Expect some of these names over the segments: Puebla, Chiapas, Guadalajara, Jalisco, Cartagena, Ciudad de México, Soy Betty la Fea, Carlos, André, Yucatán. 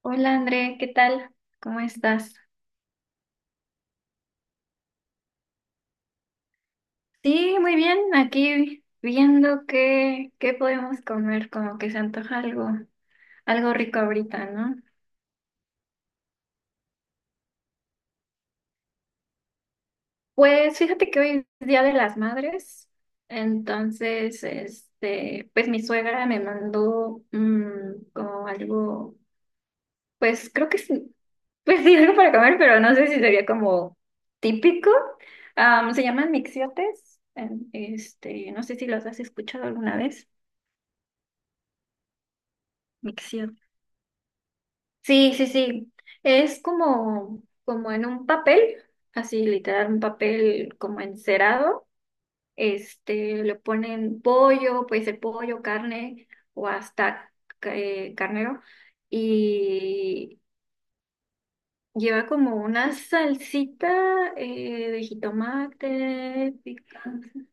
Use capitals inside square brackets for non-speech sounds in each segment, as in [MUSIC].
Hola André, ¿qué tal? ¿Cómo estás? Sí, muy bien, aquí viendo qué podemos comer, como que se antoja algo, algo rico ahorita, ¿no? Pues fíjate que hoy es Día de las Madres, entonces, pues mi suegra me mandó como algo, pues creo que sí, [LAUGHS] pues sí, algo para comer, pero no sé si sería como típico. Se llaman mixiotes, no sé si los has escuchado alguna vez. Micción. Sí, sí, sí. Es como, como en un papel, así literal, un papel como encerado. Le ponen pollo, puede ser pollo, carne o hasta carnero. Y lleva como una salsita de jitomate, picante.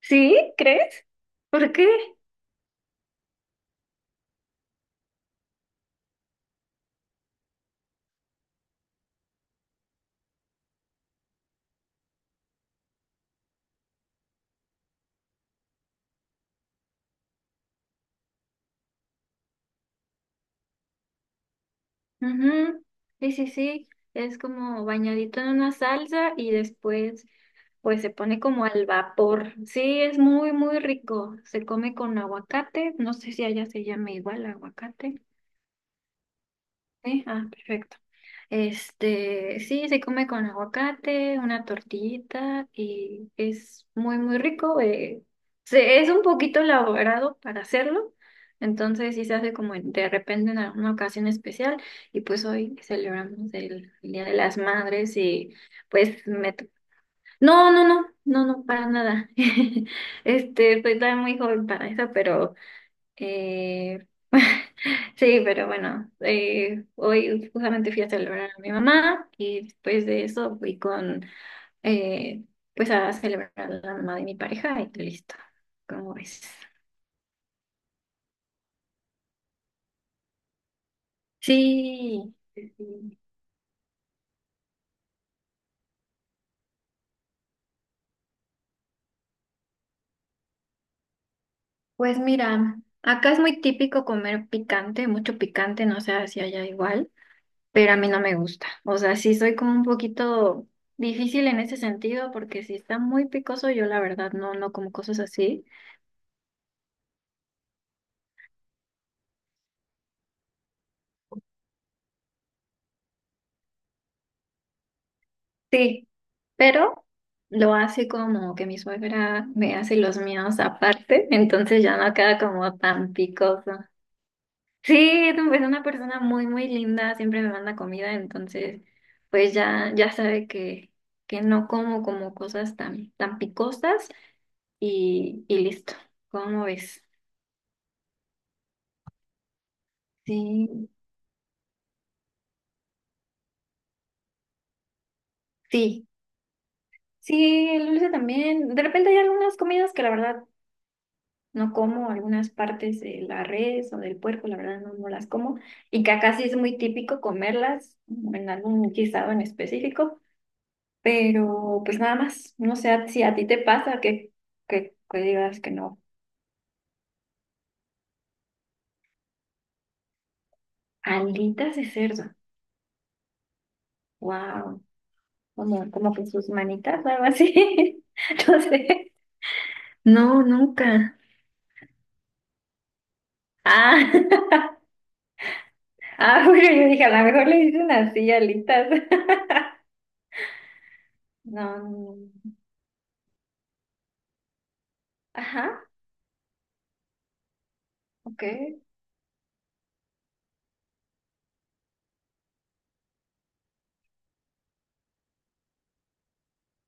¿Sí? ¿Crees? ¿Por qué? Ujú. Sí, sí, sí, es como bañadito en una salsa y después pues se pone como al vapor. Sí, es muy, muy rico. Se come con aguacate, no sé si allá se llama igual aguacate. Sí, ah, perfecto. Sí, se come con aguacate, una tortillita y es muy, muy rico. Es un poquito elaborado para hacerlo, entonces sí se hace como de repente en alguna ocasión especial y pues hoy celebramos el Día de las Madres y pues me... to- No, no, no, no, no, para nada. [LAUGHS] Estoy todavía muy joven para eso, pero... Eh, [LAUGHS] sí, pero bueno, hoy justamente fui a celebrar a mi mamá y después de eso fui con, eh, pues a celebrar a la mamá de mi pareja y listo. ¿Cómo ves? Sí, sí. Pues mira, acá es muy típico comer picante, mucho picante, no sé si allá igual, pero a mí no me gusta. O sea, sí soy como un poquito difícil en ese sentido porque si está muy picoso, yo la verdad no como cosas así. Sí, pero lo hace como que mi suegra me hace los míos aparte, entonces ya no queda como tan picoso. Sí, es una persona muy, muy linda, siempre me manda comida, entonces pues ya sabe que no como como cosas tan, tan picosas y listo. ¿Cómo ves? Sí, sí, sí, el dulce también. De repente hay algunas comidas que la verdad no como algunas partes de la res o del puerco, la verdad no las como. Y que acá sí es muy típico comerlas en algún guisado en específico, pero pues nada más. No sé si a ti te pasa que, que digas que no. Alitas de cerdo. Wow. Como, como que sus manitas o algo así. [LAUGHS] No sé. No, nunca. Ah, [LAUGHS] ah, bueno, yo dije, a lo mejor le dicen así, alitas. [LAUGHS] No, no, no. Ajá, ok.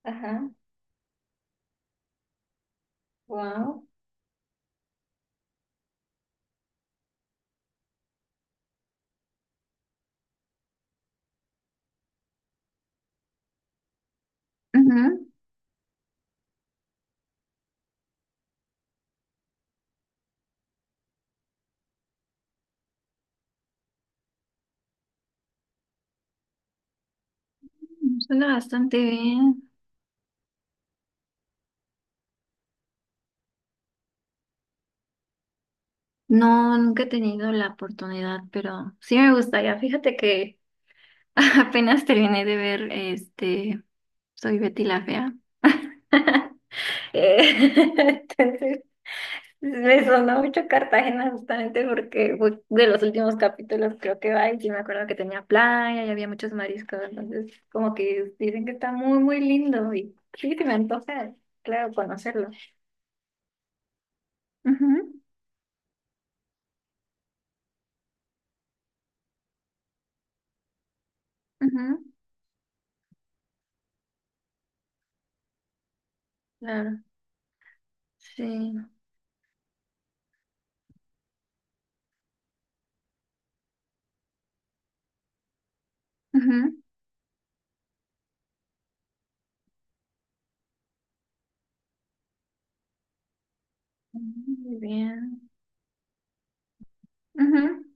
Ajá, wow. Ujú. Suena bastante bien. No, nunca he tenido la oportunidad, pero sí me gustaría. Fíjate que [LAUGHS] apenas terminé de ver Soy Betty la Fea. [LAUGHS] Eh, [LAUGHS] Entonces, me sonó mucho Cartagena justamente porque fue de los últimos capítulos creo que va y sí me acuerdo que tenía playa y había muchos mariscos, entonces como que dicen que está muy, muy lindo y sí, sí me antoja, claro, conocerlo. Ujú. Ujú, claro, sí. Ujú, muy bien. Ujú,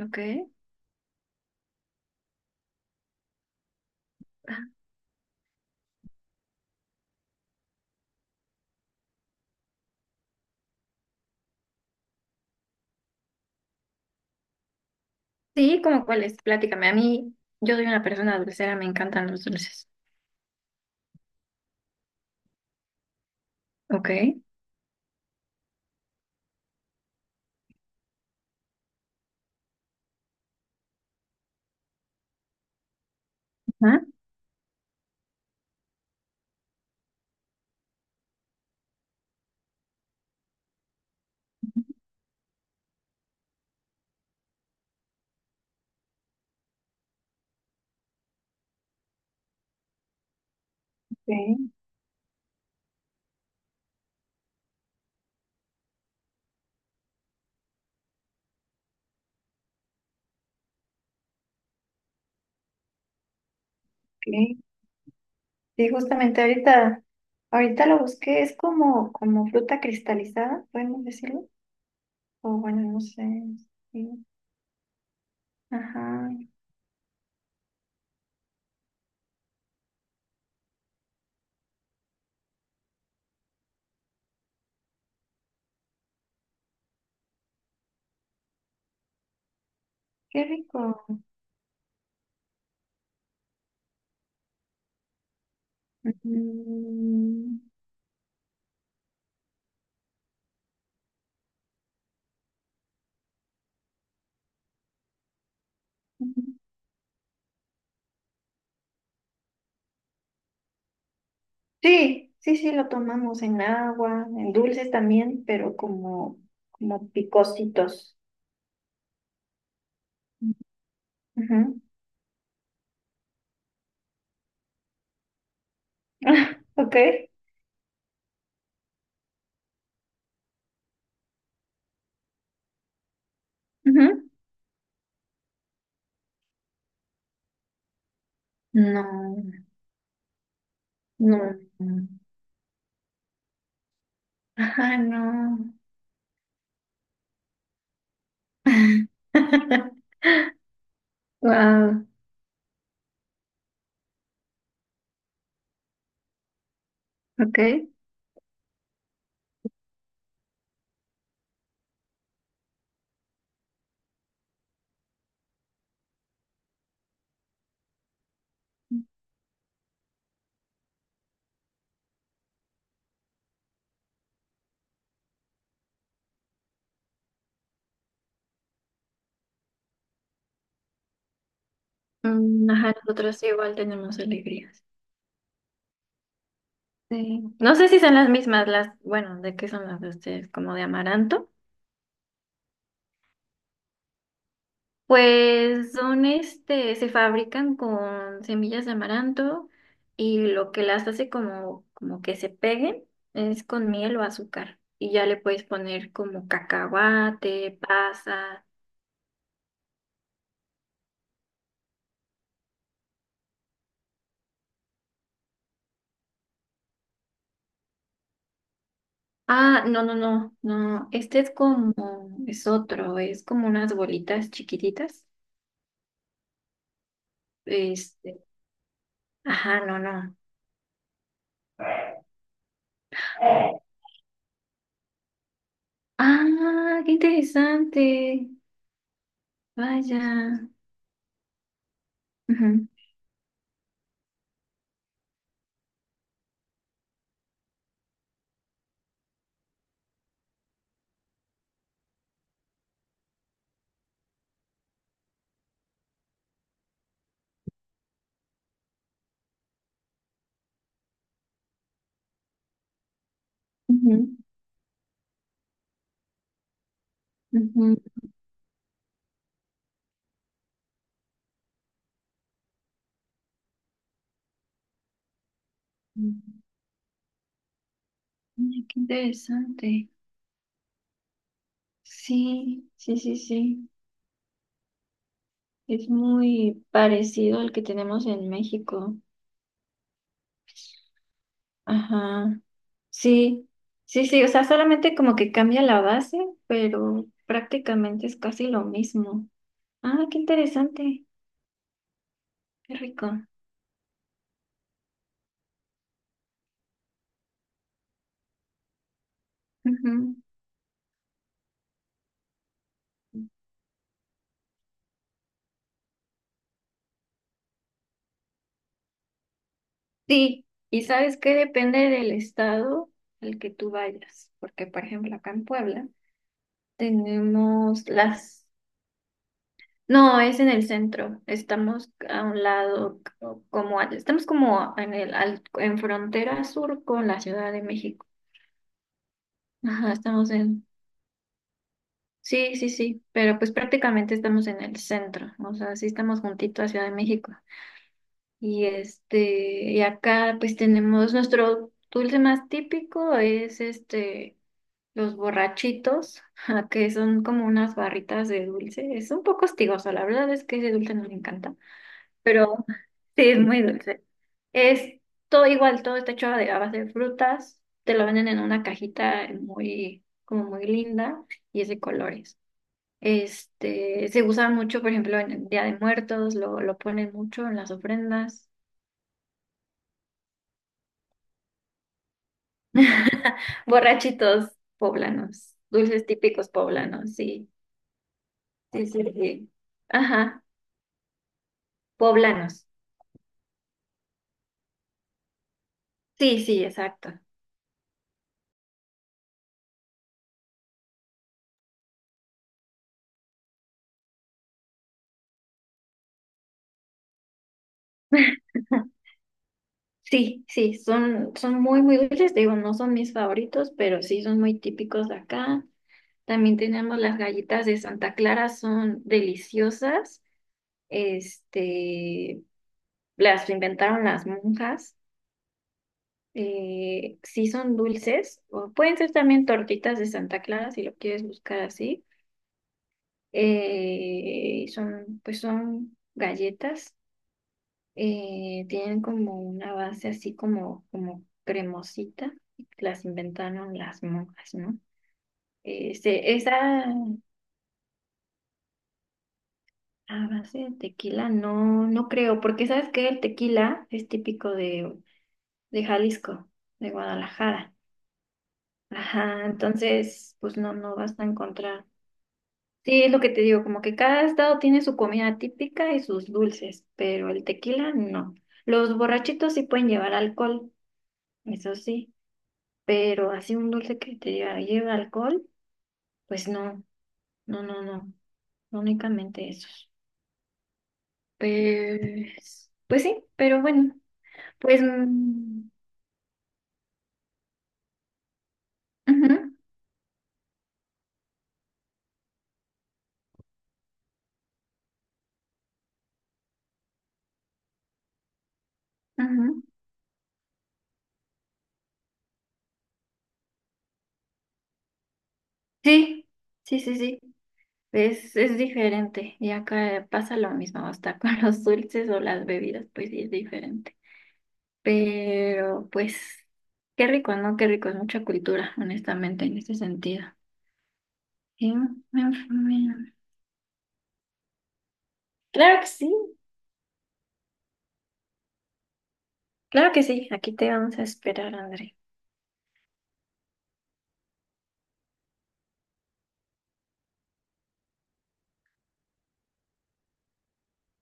ok. Sí, ¿cómo cuál es? Platícame. A mí, yo soy una persona dulcera, me encantan los dulces. Ok. Ajá. Okay, okay. Sí, justamente ahorita, ahorita lo busqué, es como, como fruta cristalizada, podemos decirlo. O bueno, no sé. Sí. Ajá, qué rico. Mm. Sí, sí, sí, lo tomamos en agua, en dulces también, pero como, como picositos. Ujú. [LAUGHS] Ok. Ujú. No, no. Ajá, no. [LAUGHS] Wow, ok. Mm, ajá, nosotros sí igual tenemos alegrías. Sí. No sé si son las mismas, las, bueno, ¿de qué son las de ustedes? ¿Como de amaranto? Pues son se fabrican con semillas de amaranto y lo que las hace como, como que se peguen es con miel o azúcar. Y ya le puedes poner como cacahuate, pasa. Ah, no. Este es como, es otro, es como unas bolitas chiquititas. Este, ajá, no, no. Ah, qué interesante. Vaya. Ujú, ujú, ujú. Ay, qué interesante. Sí, sí, sí, sí. Es muy parecido al que tenemos en México. Ajá. Sí, sí, sí. O sea, solamente como que cambia la base, pero prácticamente es casi lo mismo. Ah, qué interesante. Qué rico. Ujú. Sí, y sabes que depende del estado al que tú vayas, porque por ejemplo acá en Puebla tenemos las... No, es en el centro. Estamos a un lado, estamos como en frontera sur con la Ciudad de México. Ajá, estamos en... Sí, sí, sí, pero pues prácticamente estamos en el centro, o sea, sí estamos juntito a Ciudad de México. Y y acá pues tenemos nuestro dulce más típico es este los borrachitos, [LAUGHS] que son como unas barritas de dulce. Es un poco hostigoso, la verdad es que ese dulce nos encanta. Pero [LAUGHS] sí, es muy dulce. Es todo igual, todo está hecho de a base de frutas, te lo venden en una cajita muy, como muy linda y es de colores. Se usa mucho, por ejemplo, en el Día de Muertos, lo ponen mucho en las ofrendas. [LAUGHS] Borrachitos poblanos, dulces típicos poblanos, sí, sí, sí, sí. Ajá, poblanos. Sí, sí, exacto. [LAUGHS] Sí, sí, son muy, muy dulces. Te digo, no son mis favoritos, pero sí son muy típicos de acá. También tenemos las galletas de Santa Clara, son deliciosas. Este, las inventaron las monjas. Sí son dulces. O pueden ser también tortitas de Santa Clara, si lo quieres buscar así. Son, pues son galletas. Tienen como una base así como, como cremosita, las inventaron las monjas, ¿no? Este, esa A base de tequila no, no creo, porque sabes que el tequila es típico de Jalisco, de Guadalajara. Ajá, entonces, pues no, no vas a encontrar. Sí, es lo que te digo, como que cada estado tiene su comida típica y sus dulces, pero el tequila no. Los borrachitos sí pueden llevar alcohol, eso sí, pero así un dulce que te diga, lleva alcohol, pues no, no, no, no, no únicamente esos. Pues, pues sí, pero bueno, pues, mm, ujú, ujú. Sí, sí, sí, sí, es diferente y acá pasa lo mismo, hasta [LAUGHS] con los dulces o las bebidas, pues sí es diferente, pero pues, qué rico, ¿no? Qué rico, es mucha cultura, honestamente, en ese sentido. Sí, me- me- claro que sí. Claro que sí, aquí te vamos a esperar, André.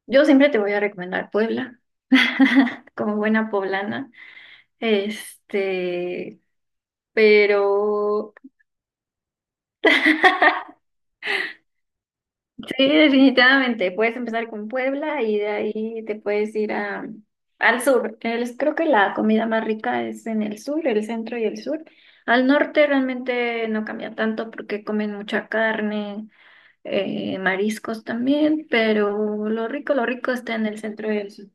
Yo siempre te voy a recomendar Puebla, [LAUGHS] como buena poblana. Este, pero [LAUGHS] sí, definitivamente, puedes empezar con Puebla y de ahí te puedes ir a, al sur. Creo que la comida más rica es en el sur, el centro y el sur. Al norte realmente no cambia tanto porque comen mucha carne. Mariscos también, pero lo rico está en el centro y el sur.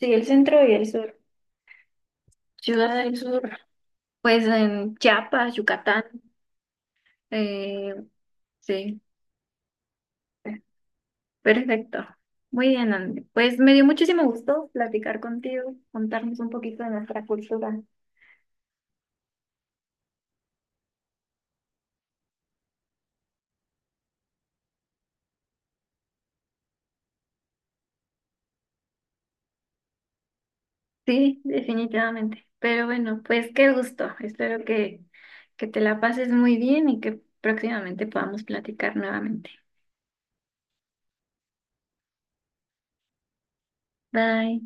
Sí, el centro y el sur. Ciudad del Sur, pues en Chiapas, Yucatán. eh, sí, perfecto. Muy bien, Andy. Pues me dio muchísimo gusto platicar contigo, contarnos un poquito de nuestra cultura. Sí, definitivamente. Pero bueno, pues qué gusto. Espero que te la pases muy bien y que próximamente podamos platicar nuevamente. Bye.